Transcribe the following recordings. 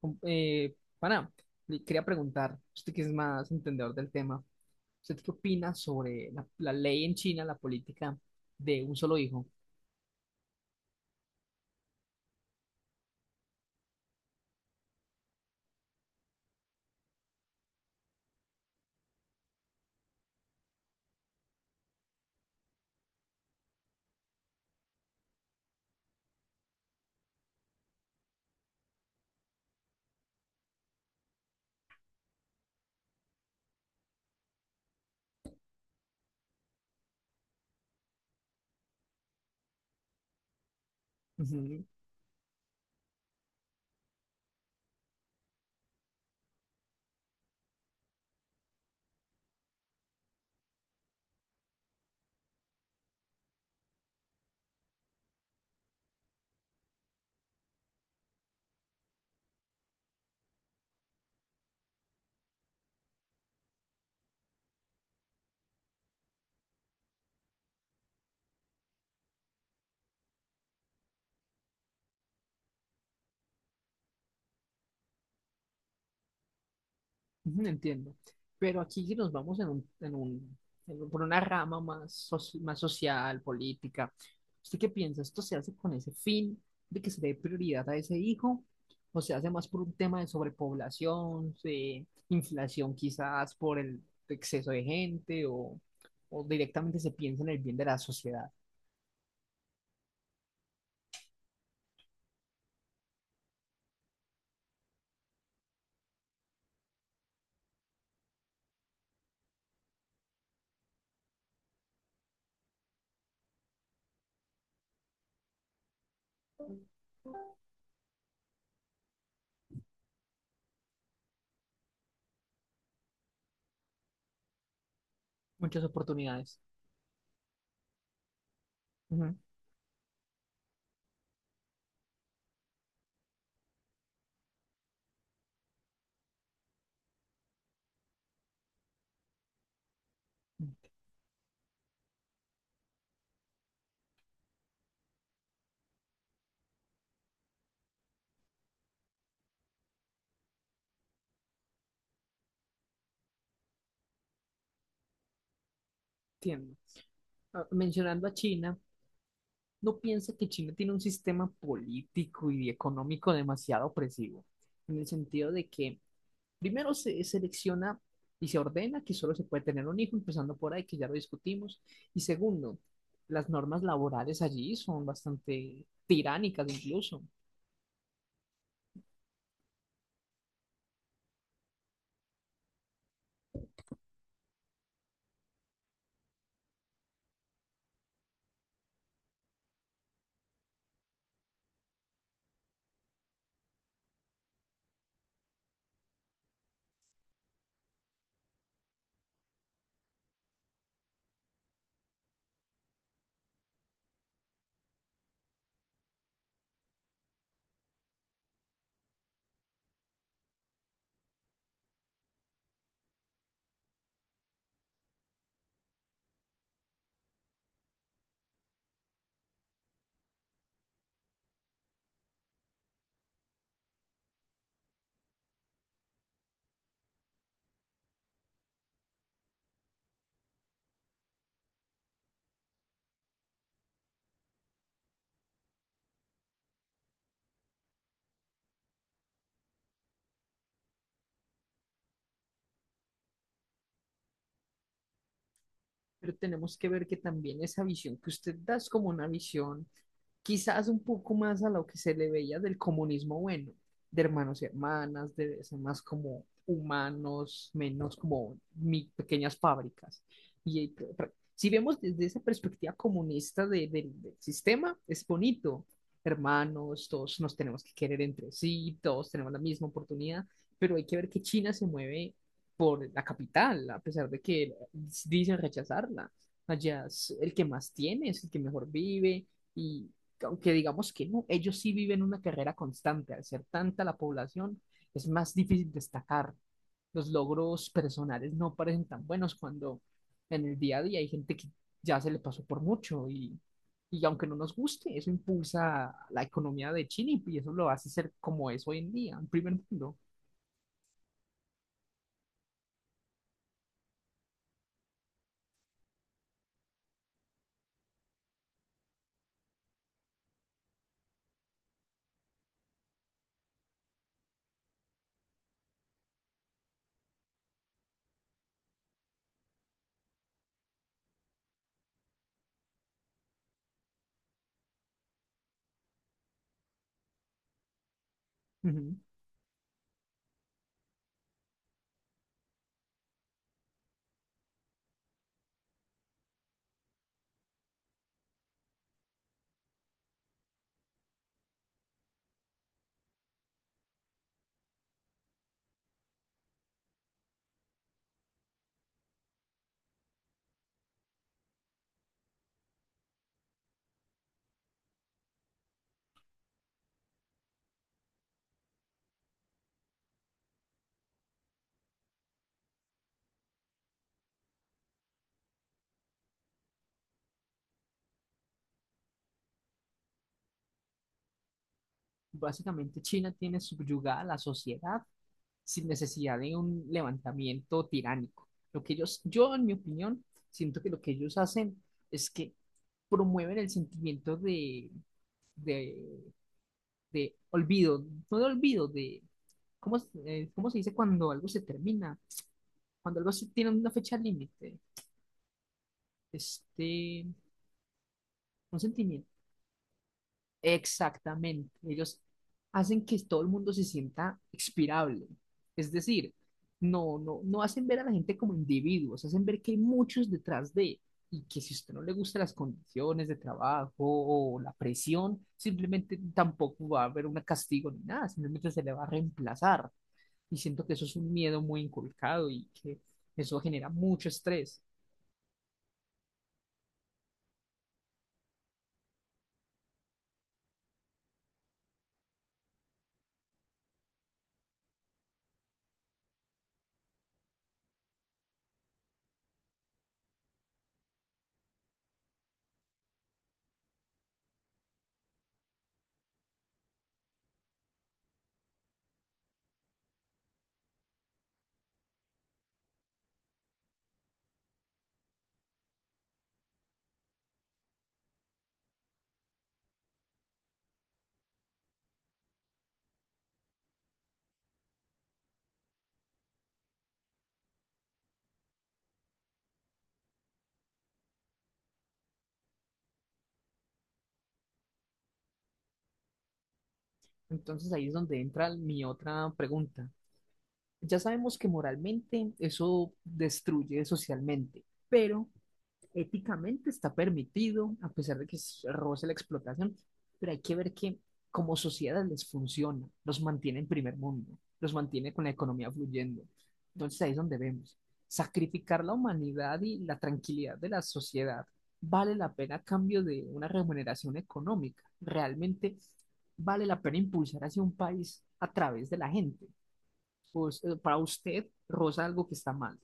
Pana, le quería preguntar, usted que es más entendedor del tema, ¿usted qué opina sobre la ley en China, la política de un solo hijo? Ujú. Ujú, entiendo. Pero aquí nos vamos por una rama más, más social, política. ¿Usted qué piensa? ¿Esto se hace con ese fin de que se dé prioridad a ese hijo? ¿O se hace más por un tema de sobrepoblación, de inflación quizás por el exceso de gente o directamente se piensa en el bien de la sociedad? Muchas oportunidades. Ujú, entiendo. Mencionando a China. No piensa que China tiene un sistema político y económico demasiado opresivo, en el sentido de que primero se selecciona y se ordena que solo se puede tener un hijo, empezando por ahí, que ya lo discutimos, y segundo, las normas laborales allí son bastante tiránicas incluso. Pero tenemos que ver que también esa visión que usted da es como una visión quizás un poco más a lo que se le veía del comunismo bueno, de hermanos y hermanas, de ser más como humanos, menos como mi, pequeñas fábricas. Y si vemos desde esa perspectiva comunista del sistema, es bonito. Hermanos, todos nos tenemos que querer entre sí, todos tenemos la misma oportunidad, pero hay que ver que China se mueve por la capital, a pesar de que dicen rechazarla. Allá es el que más tiene, es el que mejor vive y aunque digamos que no, ellos sí viven una carrera constante. Al ser tanta la población, es más difícil destacar. Los logros personales no parecen tan buenos cuando en el día a día hay gente que ya se le pasó por mucho y aunque no nos guste, eso impulsa la economía de Chile y eso lo hace ser como es hoy en día, en primer mundo. Ujú. Básicamente China tiene subyugada la sociedad sin necesidad de un levantamiento tiránico. Lo que ellos, yo en mi opinión, siento que lo que ellos hacen es que promueven el sentimiento de, de olvido, no de olvido, de ¿cómo, cómo se dice cuando algo se termina? Cuando algo se tiene una fecha límite, este, un sentimiento. Exactamente. Ellos hacen que todo el mundo se sienta expirable. Es decir, no hacen ver a la gente como individuos, hacen ver que hay muchos detrás de, y que si a usted no le gustan las condiciones de trabajo o la presión, simplemente tampoco va a haber un castigo ni nada, simplemente se le va a reemplazar. Y siento que eso es un miedo muy inculcado y que eso genera mucho estrés. Entonces ahí es donde entra mi otra pregunta. Ya sabemos que moralmente eso destruye socialmente, pero éticamente está permitido, a pesar de que roce la explotación, pero hay que ver que como sociedad les funciona, los mantiene en primer mundo, los mantiene con la economía fluyendo. Entonces ahí es donde vemos, sacrificar la humanidad y la tranquilidad de la sociedad vale la pena a cambio de una remuneración económica. Realmente vale la pena impulsar hacia un país a través de la gente. Pues, para usted rosa algo que está mal.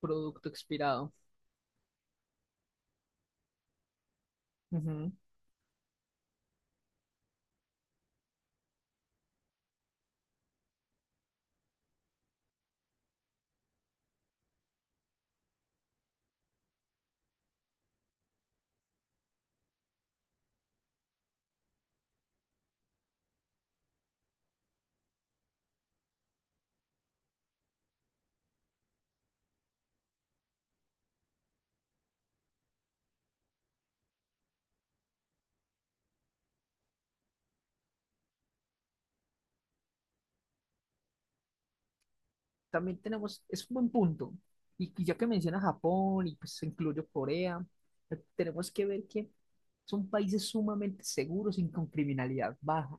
Producto expirado. Ujú. También tenemos, es un buen punto. Y ya que menciona Japón y pues incluyo Corea, tenemos que ver que son países sumamente seguros y con criminalidad baja.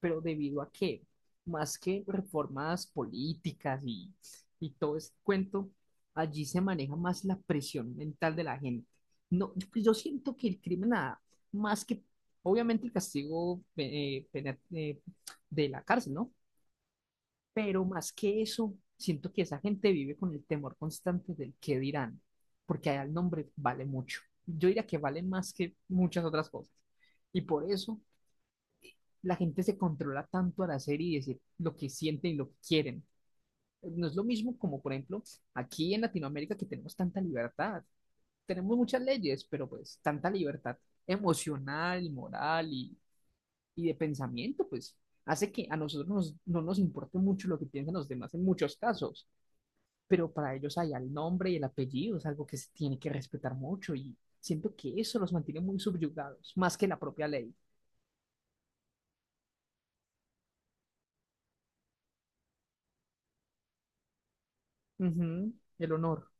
Pero debido a que, más que reformas políticas y todo ese cuento, allí se maneja más la presión mental de la gente. No, yo siento que el crimen, nada más que, obviamente, el castigo de la cárcel, ¿no? Pero más que eso, siento que esa gente vive con el temor constante del qué dirán, porque allá el nombre vale mucho. Yo diría que vale más que muchas otras cosas. Y por eso la gente se controla tanto al hacer y decir lo que sienten y lo que quieren. No es lo mismo como, por ejemplo, aquí en Latinoamérica que tenemos tanta libertad. Tenemos muchas leyes, pero pues tanta libertad emocional y moral y de pensamiento, pues hace que a nosotros no nos importe mucho lo que piensan los demás en muchos casos, pero para ellos hay el nombre y el apellido, es algo que se tiene que respetar mucho y siento que eso los mantiene muy subyugados, más que la propia ley. Ujú. El honor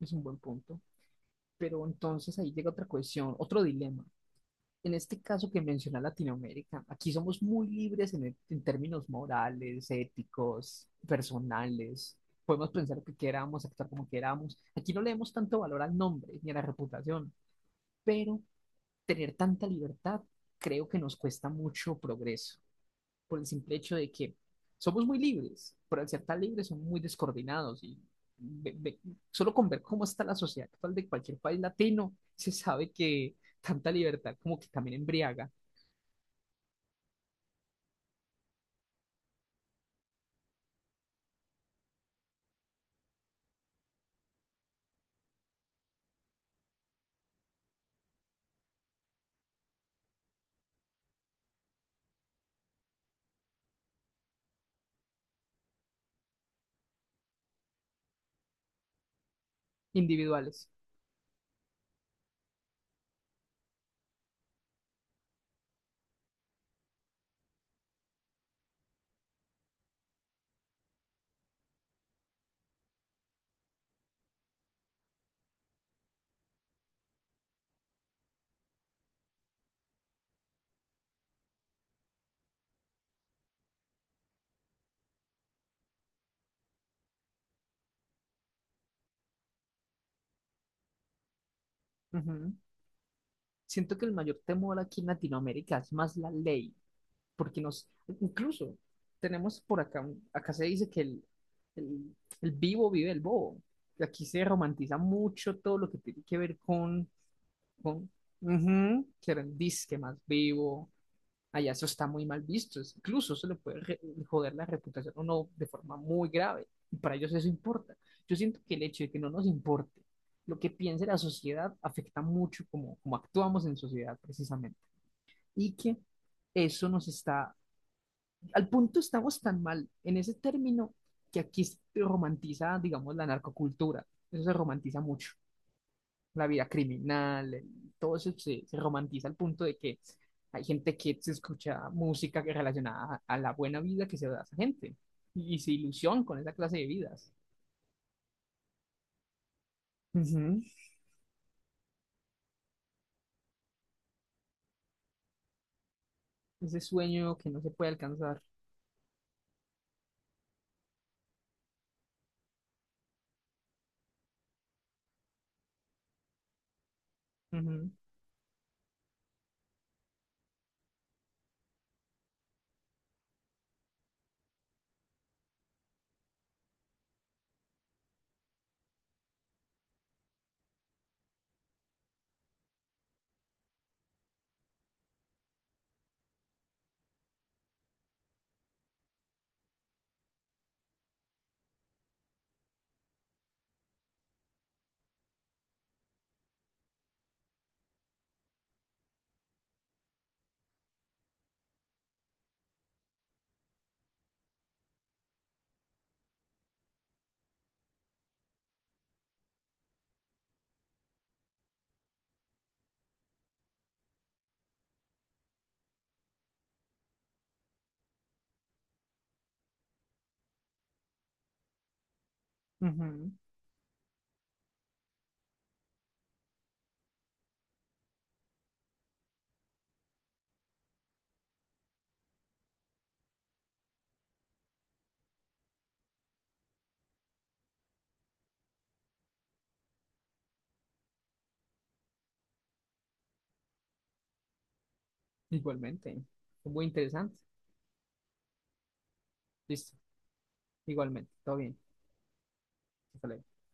es un buen punto, pero entonces ahí llega otra cuestión, otro dilema. En este caso que menciona Latinoamérica, aquí somos muy libres en, en términos morales, éticos, personales. Podemos pensar lo que queramos, actuar como queramos. Aquí no leemos tanto valor al nombre ni a la reputación, pero tener tanta libertad, creo que nos cuesta mucho progreso, por el simple hecho de que somos muy libres, pero al ser tan libres somos muy descoordinados y ve- ve- solo con ver cómo está la sociedad actual de cualquier país latino, se sabe que tanta libertad como que también embriaga. Individuales. Ujú. Siento que el mayor temor aquí en Latinoamérica es más la ley porque nos, incluso tenemos por acá, acá se dice que el, el vivo vive el bobo. Y aquí se romantiza mucho todo lo que tiene que ver con ujú, que era el disque más vivo. Allá eso está muy mal visto. Incluso se le puede joder la reputación a uno de forma muy grave. Y para ellos eso importa. Yo siento que el hecho de que no nos importe lo que piense la sociedad afecta mucho como, como actuamos en sociedad precisamente. Y que eso nos está al punto, estamos tan mal en ese término que aquí se romantiza, digamos, la narcocultura. Eso se romantiza mucho. La vida criminal, todo eso se romantiza al punto de que hay gente que se escucha música que relacionada a la buena vida que se da a esa gente y se ilusión con esa clase de vidas. Ujú. Ese sueño que no se puede alcanzar. Ujú, ujú. Igualmente. Muy interesante. Listo. Igualmente. Todo bien. Hasta luego.